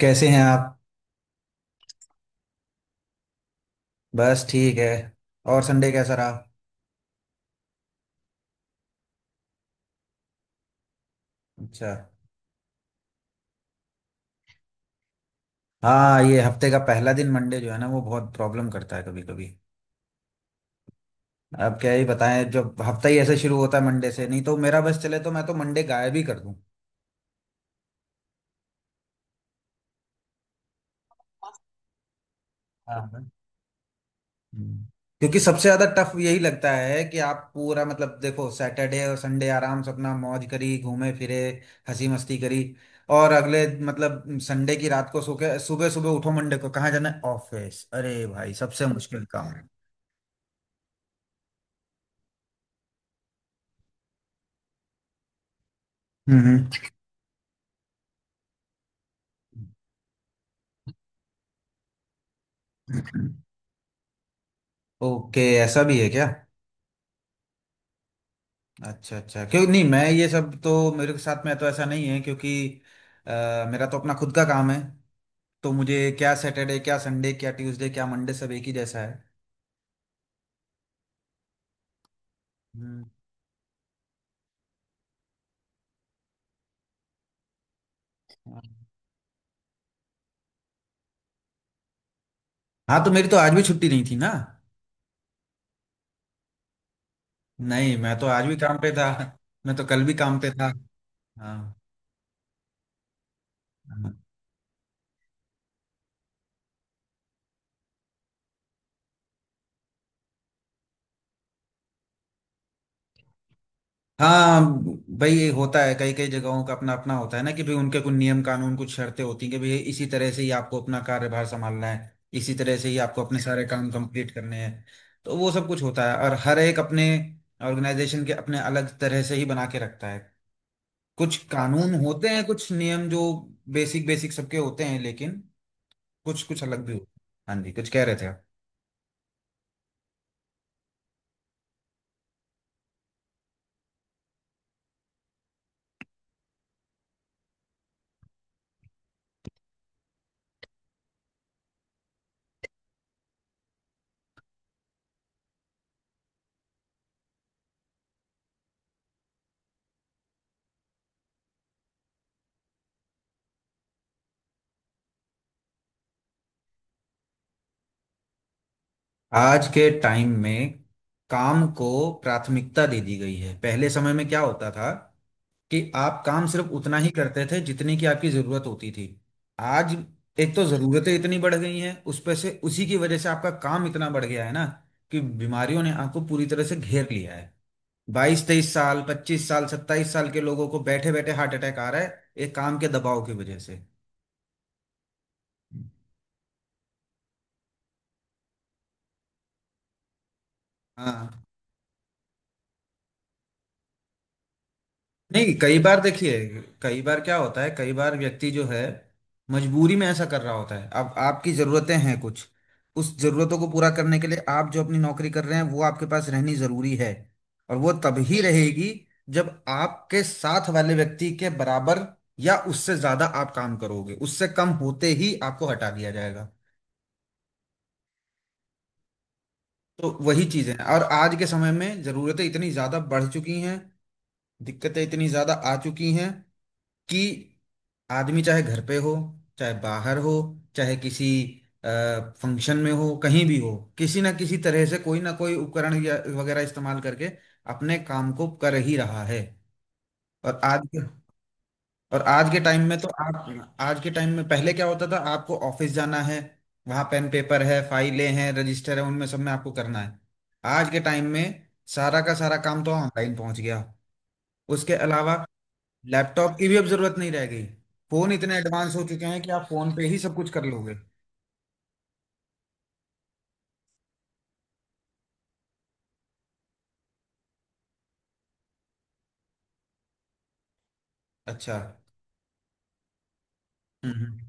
कैसे हैं आप। बस ठीक है। और संडे कैसा रहा? अच्छा। हाँ, ये हफ्ते का पहला दिन मंडे जो है ना, वो बहुत प्रॉब्लम करता है कभी कभी। अब क्या ही बताएं, जब हफ्ता ही ऐसे शुरू होता है मंडे से, नहीं तो मेरा बस चले तो मैं तो मंडे गायब ही कर दूं। हाँ। हम्म। क्योंकि सबसे ज्यादा टफ यही लगता है कि आप पूरा मतलब देखो, सैटरडे और संडे आराम से अपना मौज करी, घूमे फिरे, हंसी मस्ती करी। और अगले मतलब संडे की रात को सो के सुबह सुबह उठो, मंडे को कहाँ जाना है, ऑफिस। अरे भाई, सबसे मुश्किल काम। हम्म। ओके, ऐसा भी है क्या? अच्छा अच्छा, क्यों नहीं। मैं ये सब तो, मेरे के साथ में तो ऐसा नहीं है क्योंकि अ, मेरा तो अपना खुद का काम है। तो मुझे क्या सैटरडे, क्या संडे, क्या ट्यूसडे, क्या मंडे, सब एक ही जैसा है। हम्म। हाँ। हाँ, तो मेरी तो आज भी छुट्टी नहीं थी ना। नहीं, मैं तो आज भी काम पे था। मैं तो कल भी काम पे था। हाँ। हाँ भाई, ये होता है, कई कई जगहों का अपना अपना होता है ना, कि भाई उनके कुछ नियम कानून, कुछ शर्तें होती हैं कि भाई इसी तरह से ही आपको अपना कार्यभार संभालना है, इसी तरह से ही आपको अपने सारे काम कंप्लीट करने हैं। तो वो सब कुछ होता है। और हर एक अपने ऑर्गेनाइजेशन के अपने अलग तरह से ही बना के रखता है। कुछ कानून होते हैं, कुछ नियम जो बेसिक बेसिक सबके होते हैं, लेकिन कुछ कुछ अलग भी होते हैं। हाँ जी, कुछ कह रहे थे आप? आज के टाइम में काम को प्राथमिकता दे दी गई है। पहले समय में क्या होता था कि आप काम सिर्फ उतना ही करते थे जितने की आपकी जरूरत होती थी। आज एक तो जरूरतें इतनी बढ़ गई हैं, उस पर से उसी की वजह से आपका काम इतना बढ़ गया है ना कि बीमारियों ने आपको पूरी तरह से घेर लिया है। 22-23 साल, 25 साल, 27 साल के लोगों को बैठे बैठे हार्ट अटैक आ रहा है, एक काम के दबाव की वजह से। हाँ। नहीं, कई बार देखिए, कई बार क्या होता है, कई बार व्यक्ति जो है मजबूरी में ऐसा कर रहा होता है। अब आपकी ज़रूरतें हैं कुछ, उस ज़रूरतों को पूरा करने के लिए आप जो अपनी नौकरी कर रहे हैं, वो आपके पास रहनी ज़रूरी है। और वो तभी रहेगी जब आपके साथ वाले व्यक्ति के बराबर या उससे ज़्यादा आप काम करोगे, उससे कम होते ही आपको हटा दिया जाएगा। तो वही चीज़ें हैं। और आज के समय में ज़रूरतें इतनी ज़्यादा बढ़ चुकी हैं, दिक्कतें इतनी ज़्यादा आ चुकी हैं कि आदमी चाहे घर पे हो, चाहे बाहर हो, चाहे किसी फंक्शन में हो, कहीं भी हो, किसी ना किसी तरह से कोई ना कोई उपकरण या वगैरह इस्तेमाल करके अपने काम को कर ही रहा है। और आज के और आज के टाइम में तो, आप आज के टाइम में, पहले क्या होता था, आपको ऑफिस जाना है, वहां पेन पेपर है, फाइलें हैं, रजिस्टर है, उनमें सब में आपको करना है। आज के टाइम में सारा का सारा काम तो ऑनलाइन पहुंच गया। उसके अलावा लैपटॉप की भी अब जरूरत नहीं रह गई। फोन इतने एडवांस हो चुके हैं कि आप फोन पे ही सब कुछ कर लोगे। अच्छा। हम्म, हम्म।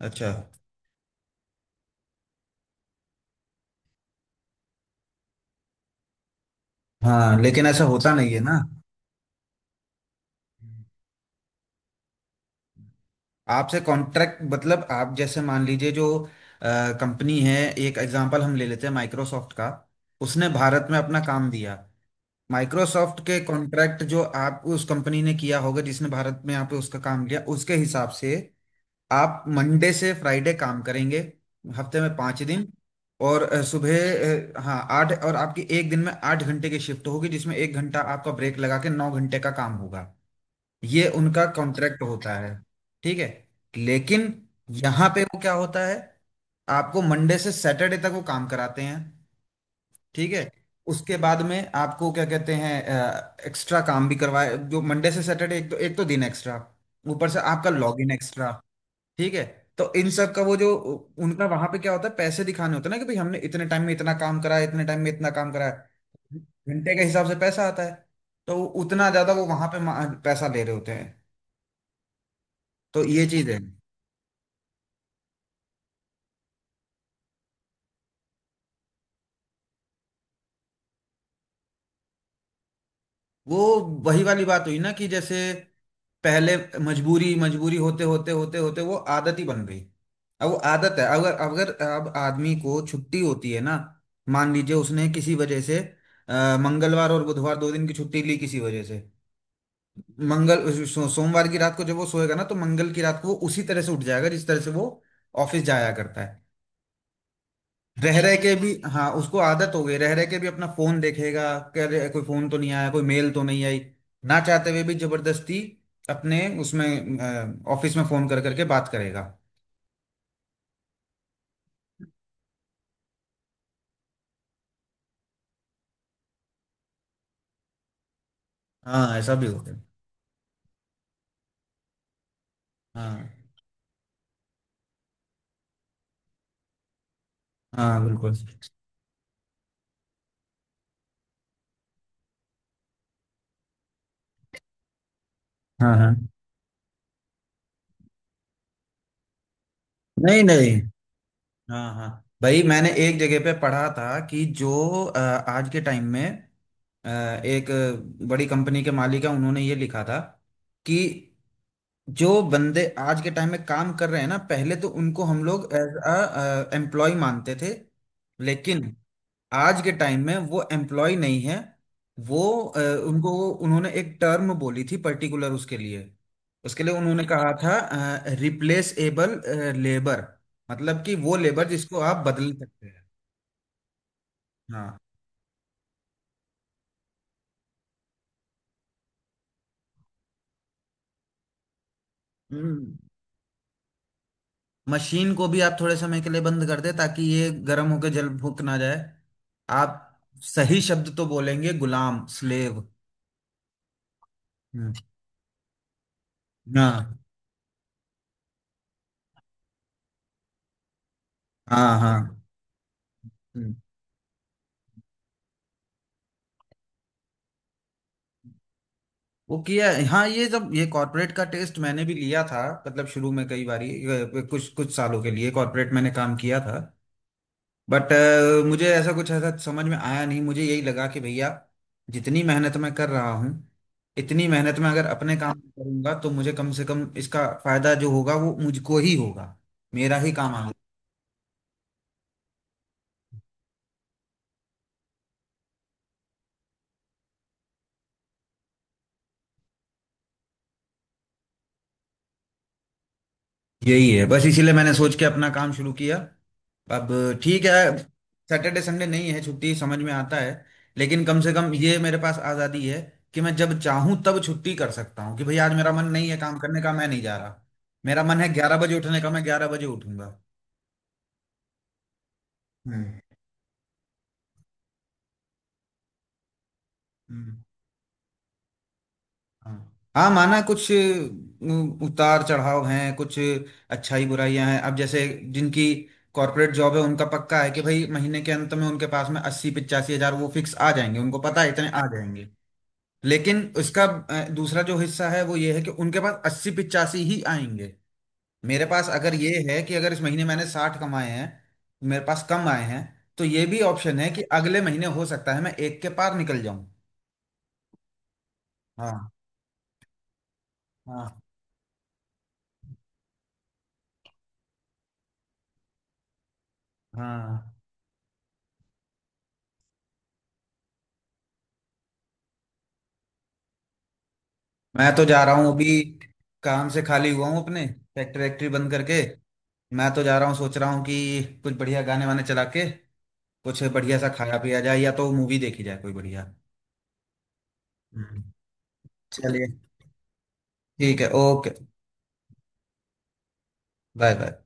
अच्छा। हाँ, लेकिन ऐसा होता नहीं है ना। आपसे कॉन्ट्रैक्ट, मतलब आप जैसे मान लीजिए जो कंपनी है, एक एग्जांपल हम ले लेते हैं माइक्रोसॉफ्ट का। उसने भारत में अपना काम दिया। माइक्रोसॉफ्ट के कॉन्ट्रैक्ट जो आप, उस कंपनी ने किया होगा जिसने भारत में यहाँ पे उसका काम लिया, उसके हिसाब से आप मंडे से फ्राइडे काम करेंगे, हफ्ते में 5 दिन। और सुबह हाँ, आठ। और आपकी एक दिन में 8 घंटे की शिफ्ट होगी, जिसमें 1 घंटा आपका ब्रेक लगा के 9 घंटे का काम होगा। ये उनका कॉन्ट्रैक्ट होता है। ठीक है। लेकिन यहाँ पे वो क्या होता है, आपको मंडे से सैटरडे तक वो काम कराते हैं। ठीक है। उसके बाद में आपको क्या कहते हैं, एक्स्ट्रा काम भी करवाए। जो मंडे से सैटरडे, एक तो दिन एक्स्ट्रा, ऊपर से आपका लॉग इन एक्स्ट्रा। ठीक है। तो इन सब का वो जो, उनका वहां पे क्या होता है, पैसे दिखाने होते हैं ना, कि भाई हमने इतने टाइम में इतना काम करा है, इतने टाइम में इतना काम करा है। घंटे के हिसाब से पैसा आता है। तो उतना ज्यादा वो वहां पे पैसा ले रहे होते हैं। तो ये चीज है। वो वही वाली बात हुई ना, कि जैसे पहले मजबूरी, मजबूरी होते होते होते होते वो आदत ही बन गई। अब वो आदत है। अगर अगर अब आदमी को छुट्टी होती है ना, मान लीजिए उसने किसी वजह से मंगलवार और बुधवार 2 दिन की छुट्टी ली किसी वजह से। सोमवार की रात को जब वो सोएगा ना, तो मंगल की रात को वो उसी तरह से उठ जाएगा जिस तरह से वो ऑफिस जाया करता है। रह रह के भी, हाँ उसको आदत हो गई, रह रह के भी अपना फोन देखेगा, कह रहे कोई फोन तो नहीं आया, कोई मेल तो नहीं आई। ना चाहते हुए भी जबरदस्ती अपने उसमें ऑफिस में फोन कर करके बात करेगा। हाँ, ऐसा भी होता है। हाँ। हाँ बिल्कुल। हाँ हाँ। नहीं नहीं। हाँ हाँ भाई, मैंने एक जगह पे पढ़ा था कि जो आज के टाइम में अ, एक बड़ी कंपनी के मालिक है उन्होंने ये लिखा था कि जो बंदे आज के टाइम में काम कर रहे हैं ना, पहले तो उनको हम लोग एज अ एम्प्लॉय मानते थे। लेकिन आज के टाइम में वो एम्प्लॉय नहीं है। वो उनको उन्होंने एक टर्म बोली थी पर्टिकुलर उसके लिए। उसके लिए उन्होंने कहा था, रिप्लेसेबल लेबर, मतलब कि वो लेबर जिसको आप बदल सकते हैं। हाँ। हम्म। मशीन को भी आप थोड़े समय के लिए बंद कर दे, ताकि ये गर्म होकर जल फूक ना जाए। आप सही शब्द तो बोलेंगे, गुलाम, स्लेव। हम्म। हाँ हाँ हाँ। हम्म। वो किया है। हाँ, ये जब ये कॉर्पोरेट का टेस्ट मैंने भी लिया था, मतलब शुरू में कई बारी कुछ कुछ सालों के लिए कॉर्पोरेट मैंने काम किया था। बट मुझे ऐसा कुछ, ऐसा समझ में आया नहीं। मुझे यही लगा कि भैया जितनी मेहनत मैं कर रहा हूँ, इतनी मेहनत मैं अगर अपने काम में करूंगा तो मुझे कम से कम इसका फायदा जो होगा वो मुझको ही होगा। मेरा ही काम आगे। यही है बस, इसीलिए मैंने सोच के अपना काम शुरू किया। अब ठीक है, सैटरडे संडे नहीं है छुट्टी, समझ में आता है। लेकिन कम से कम ये मेरे पास आज़ादी है कि मैं जब चाहूं तब छुट्टी कर सकता हूं, कि भैया आज मेरा मन नहीं है काम करने का, मैं नहीं जा रहा। मेरा मन है 11 बजे उठने का, मैं 11 बजे उठूंगा। हम्म। हम्म। हाँ। हाँ माना, कुछ उतार चढ़ाव हैं, कुछ अच्छाई बुराइयां हैं। अब जैसे जिनकी कॉर्पोरेट जॉब है, उनका पक्का है कि भाई महीने के अंत में उनके पास में 80-85 हजार वो फिक्स आ जाएंगे, उनको पता है इतने आ जाएंगे। लेकिन उसका दूसरा जो हिस्सा है वो ये है कि उनके पास 80-85 ही आएंगे। मेरे पास अगर ये है, कि अगर इस महीने मैंने 60 कमाए हैं, मेरे पास कम आए हैं, तो ये भी ऑप्शन है कि अगले महीने हो सकता है मैं एक के पार निकल जाऊं। हाँ हाँ हाँ। मैं तो जा रहा हूँ अभी, काम से खाली हुआ हूँ अपने फैक्ट्री वैक्ट्री बंद करके। मैं तो जा रहा हूँ, सोच रहा हूँ कि कुछ बढ़िया गाने वाने चला के कुछ बढ़िया सा खाया पिया जाए, या तो मूवी देखी जाए कोई बढ़िया। हम्म। चलिए, ठीक है, ओके। Bye bye.